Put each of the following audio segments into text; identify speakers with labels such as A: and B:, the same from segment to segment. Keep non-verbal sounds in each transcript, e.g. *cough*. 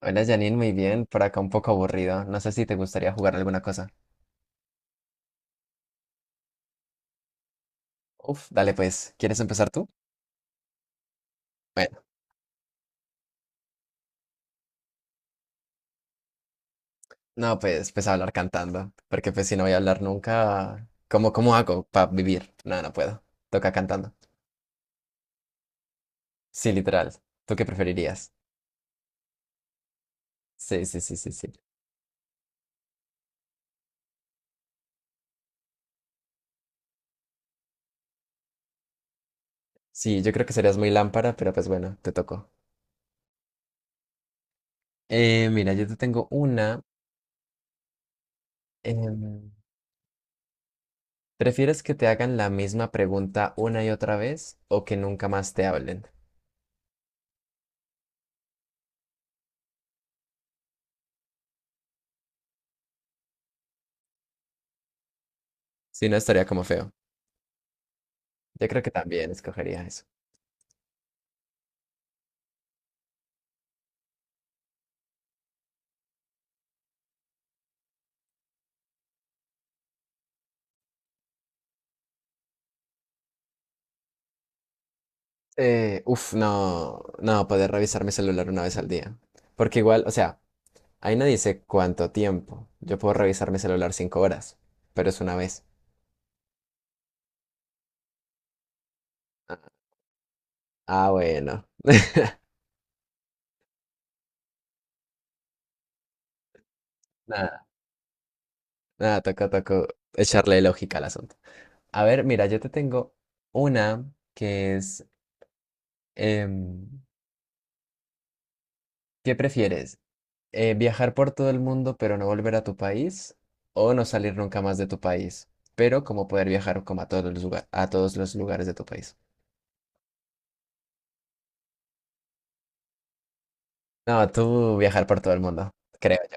A: Hola Janine, muy bien. Por acá un poco aburrido. No sé si te gustaría jugar alguna cosa. Uf, dale pues. ¿Quieres empezar tú? Bueno, no, pues hablar cantando. Porque pues si no voy a hablar nunca, ¿cómo hago para vivir? No, no puedo. Toca cantando. Sí, literal. ¿Tú qué preferirías? Sí, sí, sí, sí, sí. Sí, yo creo que serías muy lámpara, pero pues bueno, te tocó. Mira, yo te tengo una. em, ¿Prefieres que te hagan la misma pregunta una y otra vez o que nunca más te hablen? Si no, estaría como feo. Yo creo que también escogería eso. Uf, no, no, poder revisar mi celular una vez al día. Porque igual, o sea, ahí no dice cuánto tiempo. Yo puedo revisar mi celular 5 horas, pero es una vez. Ah, ah, bueno. Nada, nada, toca, toca echarle lógica al asunto. A ver, mira, yo te tengo una que es, em, ¿qué prefieres? Viajar por todo el mundo pero no volver a tu país o no salir nunca más de tu país, pero como poder viajar como a todos los lugares, a todos los lugares de tu país. No, tú viajar por todo el mundo, creo yo.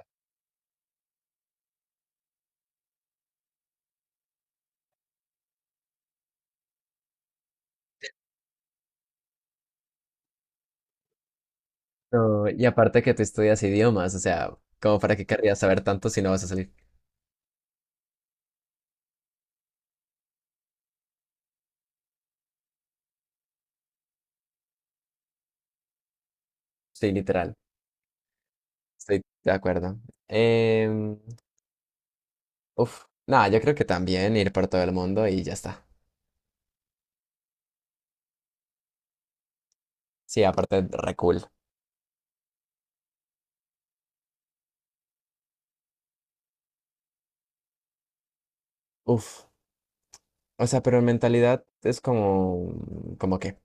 A: No, y aparte que tú estudias idiomas, o sea, ¿como para qué querrías saber tanto si no vas a salir? Sí, literal, estoy de acuerdo. Em, uf, no, yo creo que también ir por todo el mundo y ya está. Sí, aparte, re cool. Uf, o sea, pero en mentalidad es como, ¿como qué?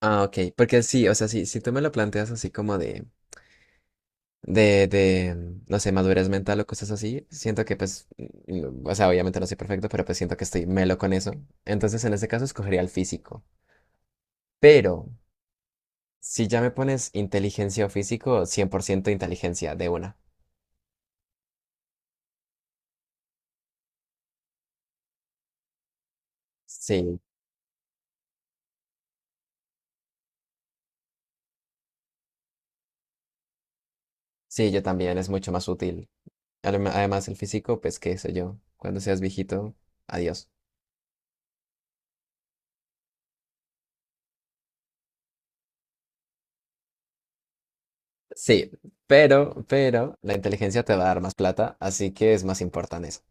A: Ah, ok, porque sí, o sea, sí, si tú me lo planteas así como de, no sé, madurez mental o cosas así, siento que pues, o sea, obviamente no soy perfecto, pero pues siento que estoy melo con eso. Entonces, en este caso, escogería el físico. Pero, si ya me pones inteligencia o físico, 100% inteligencia de una. Sí, sí, yo también, es mucho más útil. Además, el físico, pues, qué sé yo, cuando seas viejito, adiós. Sí, pero, la inteligencia te va a dar más plata, así que es más importante eso.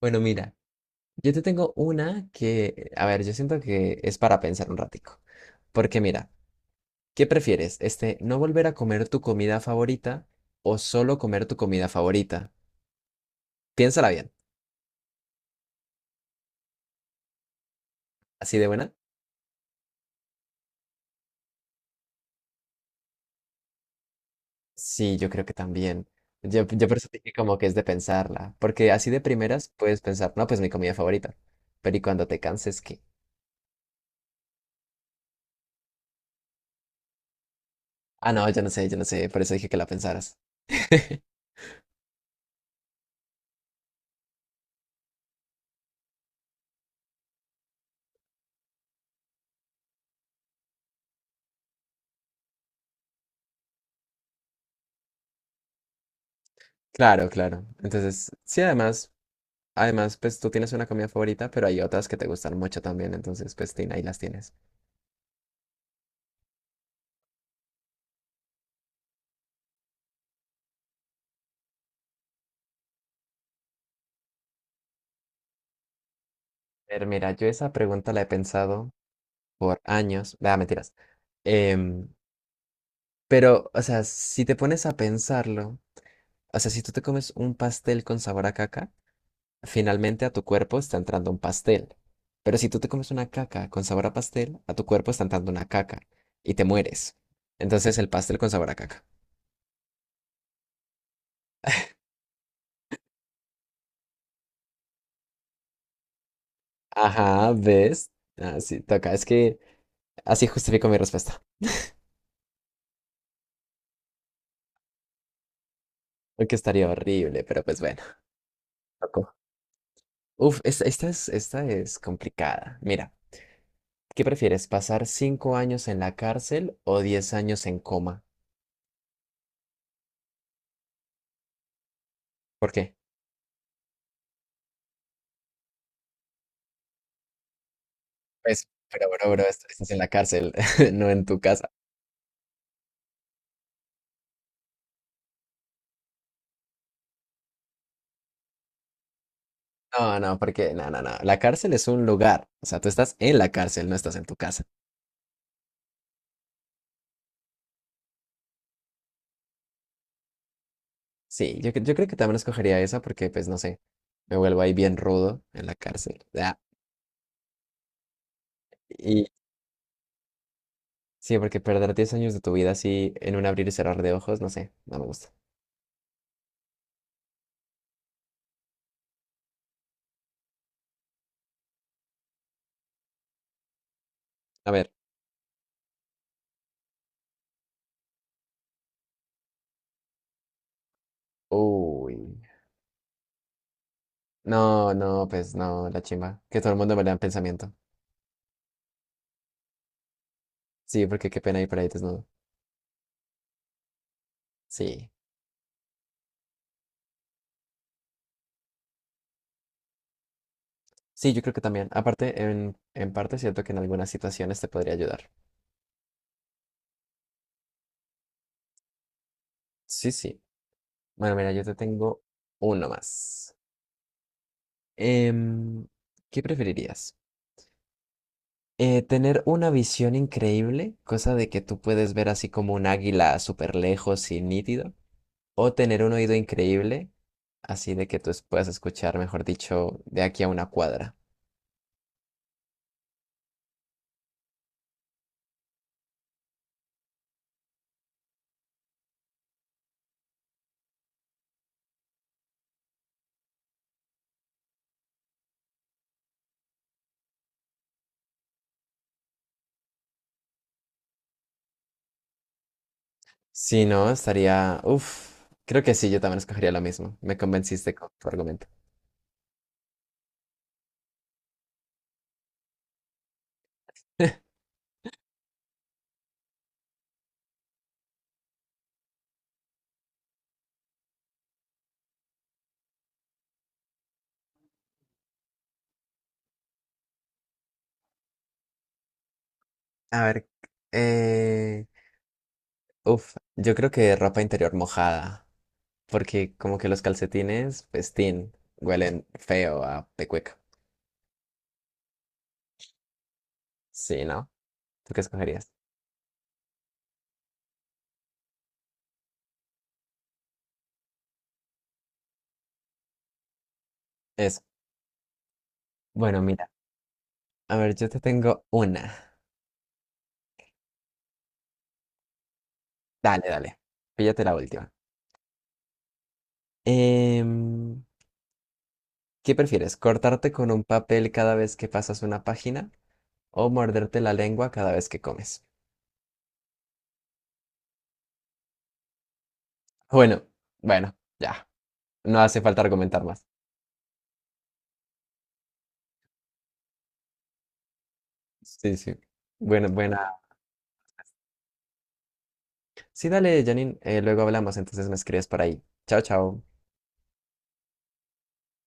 A: Bueno, mira, yo te tengo una que, a ver, yo siento que es para pensar un ratico. Porque mira, ¿qué prefieres? Este, ¿no volver a comer tu comida favorita o solo comer tu comida favorita? Piénsala bien. ¿Así de buena? Sí, yo creo que también. Yo por eso dije como que es de pensarla. Porque así de primeras puedes pensar, no, pues mi comida favorita. Pero ¿y cuando te canses qué? Ah, no, yo no sé, yo no sé. Por eso dije que la pensaras. *laughs* Claro, claro. Entonces, sí, además. Además, pues tú tienes una comida favorita, pero hay otras que te gustan mucho también, entonces pues tin, ahí las tienes. Pero mira, yo esa pregunta la he pensado por años, vea, mentiras. Em, pero, o sea, si te pones a pensarlo, o sea, si tú te comes un pastel con sabor a caca, finalmente a tu cuerpo está entrando un pastel. Pero si tú te comes una caca con sabor a pastel, a tu cuerpo está entrando una caca y te mueres. Entonces el pastel con sabor a caca. Ajá, ¿ves? Ah, sí, toca. Es que así justifico mi respuesta. Que estaría horrible, pero pues bueno. Tocó. Uf, esta es complicada. Mira, ¿qué prefieres? ¿Pasar 5 años en la cárcel o 10 años en coma? ¿Por qué? Pues, pero bro, bro, estás en la cárcel, *laughs* no en tu casa. No, no, porque, no, no, no. La cárcel es un lugar. O sea, tú estás en la cárcel, no estás en tu casa. Sí, yo creo que también escogería esa porque, pues, no sé, me vuelvo ahí bien rudo en la cárcel. Ah, y sí, porque perder 10 años de tu vida así en un abrir y cerrar de ojos, no sé, no me gusta. A ver. Uy. No, no, pues no, la chimba. Que todo el mundo me lea en pensamiento. Sí, porque qué pena ir por ahí desnudo. Sí. Sí, yo creo que también. Aparte, en parte es cierto que en algunas situaciones te podría ayudar. Sí, sí. Bueno, mira, yo te tengo uno más. Em, ¿Qué preferirías? ¿Tener una visión increíble, cosa de que tú puedes ver así como un águila súper lejos y nítido? ¿O tener un oído increíble, así de que tú puedas escuchar, mejor dicho, de aquí a una cuadra? Si no, estaría. Uf, creo que sí, yo también escogería lo mismo. Me convenciste con tu argumento. *laughs* A ver, eh, uf, yo creo que ropa interior mojada, porque como que los calcetines, pues, tin, huelen feo a pecueca. Sí, ¿no? ¿Tú qué escogerías? Eso. Bueno, mira, a ver, yo te tengo una. Dale, dale, píllate la última. Em, ¿Qué prefieres? ¿Cortarte con un papel cada vez que pasas una página o morderte la lengua cada vez que comes? Bueno, bueno, ya. No hace falta argumentar más. Sí, sí. Bueno, buena. Sí, dale, Janine. Luego hablamos, entonces me escribes por ahí. Chao, chao.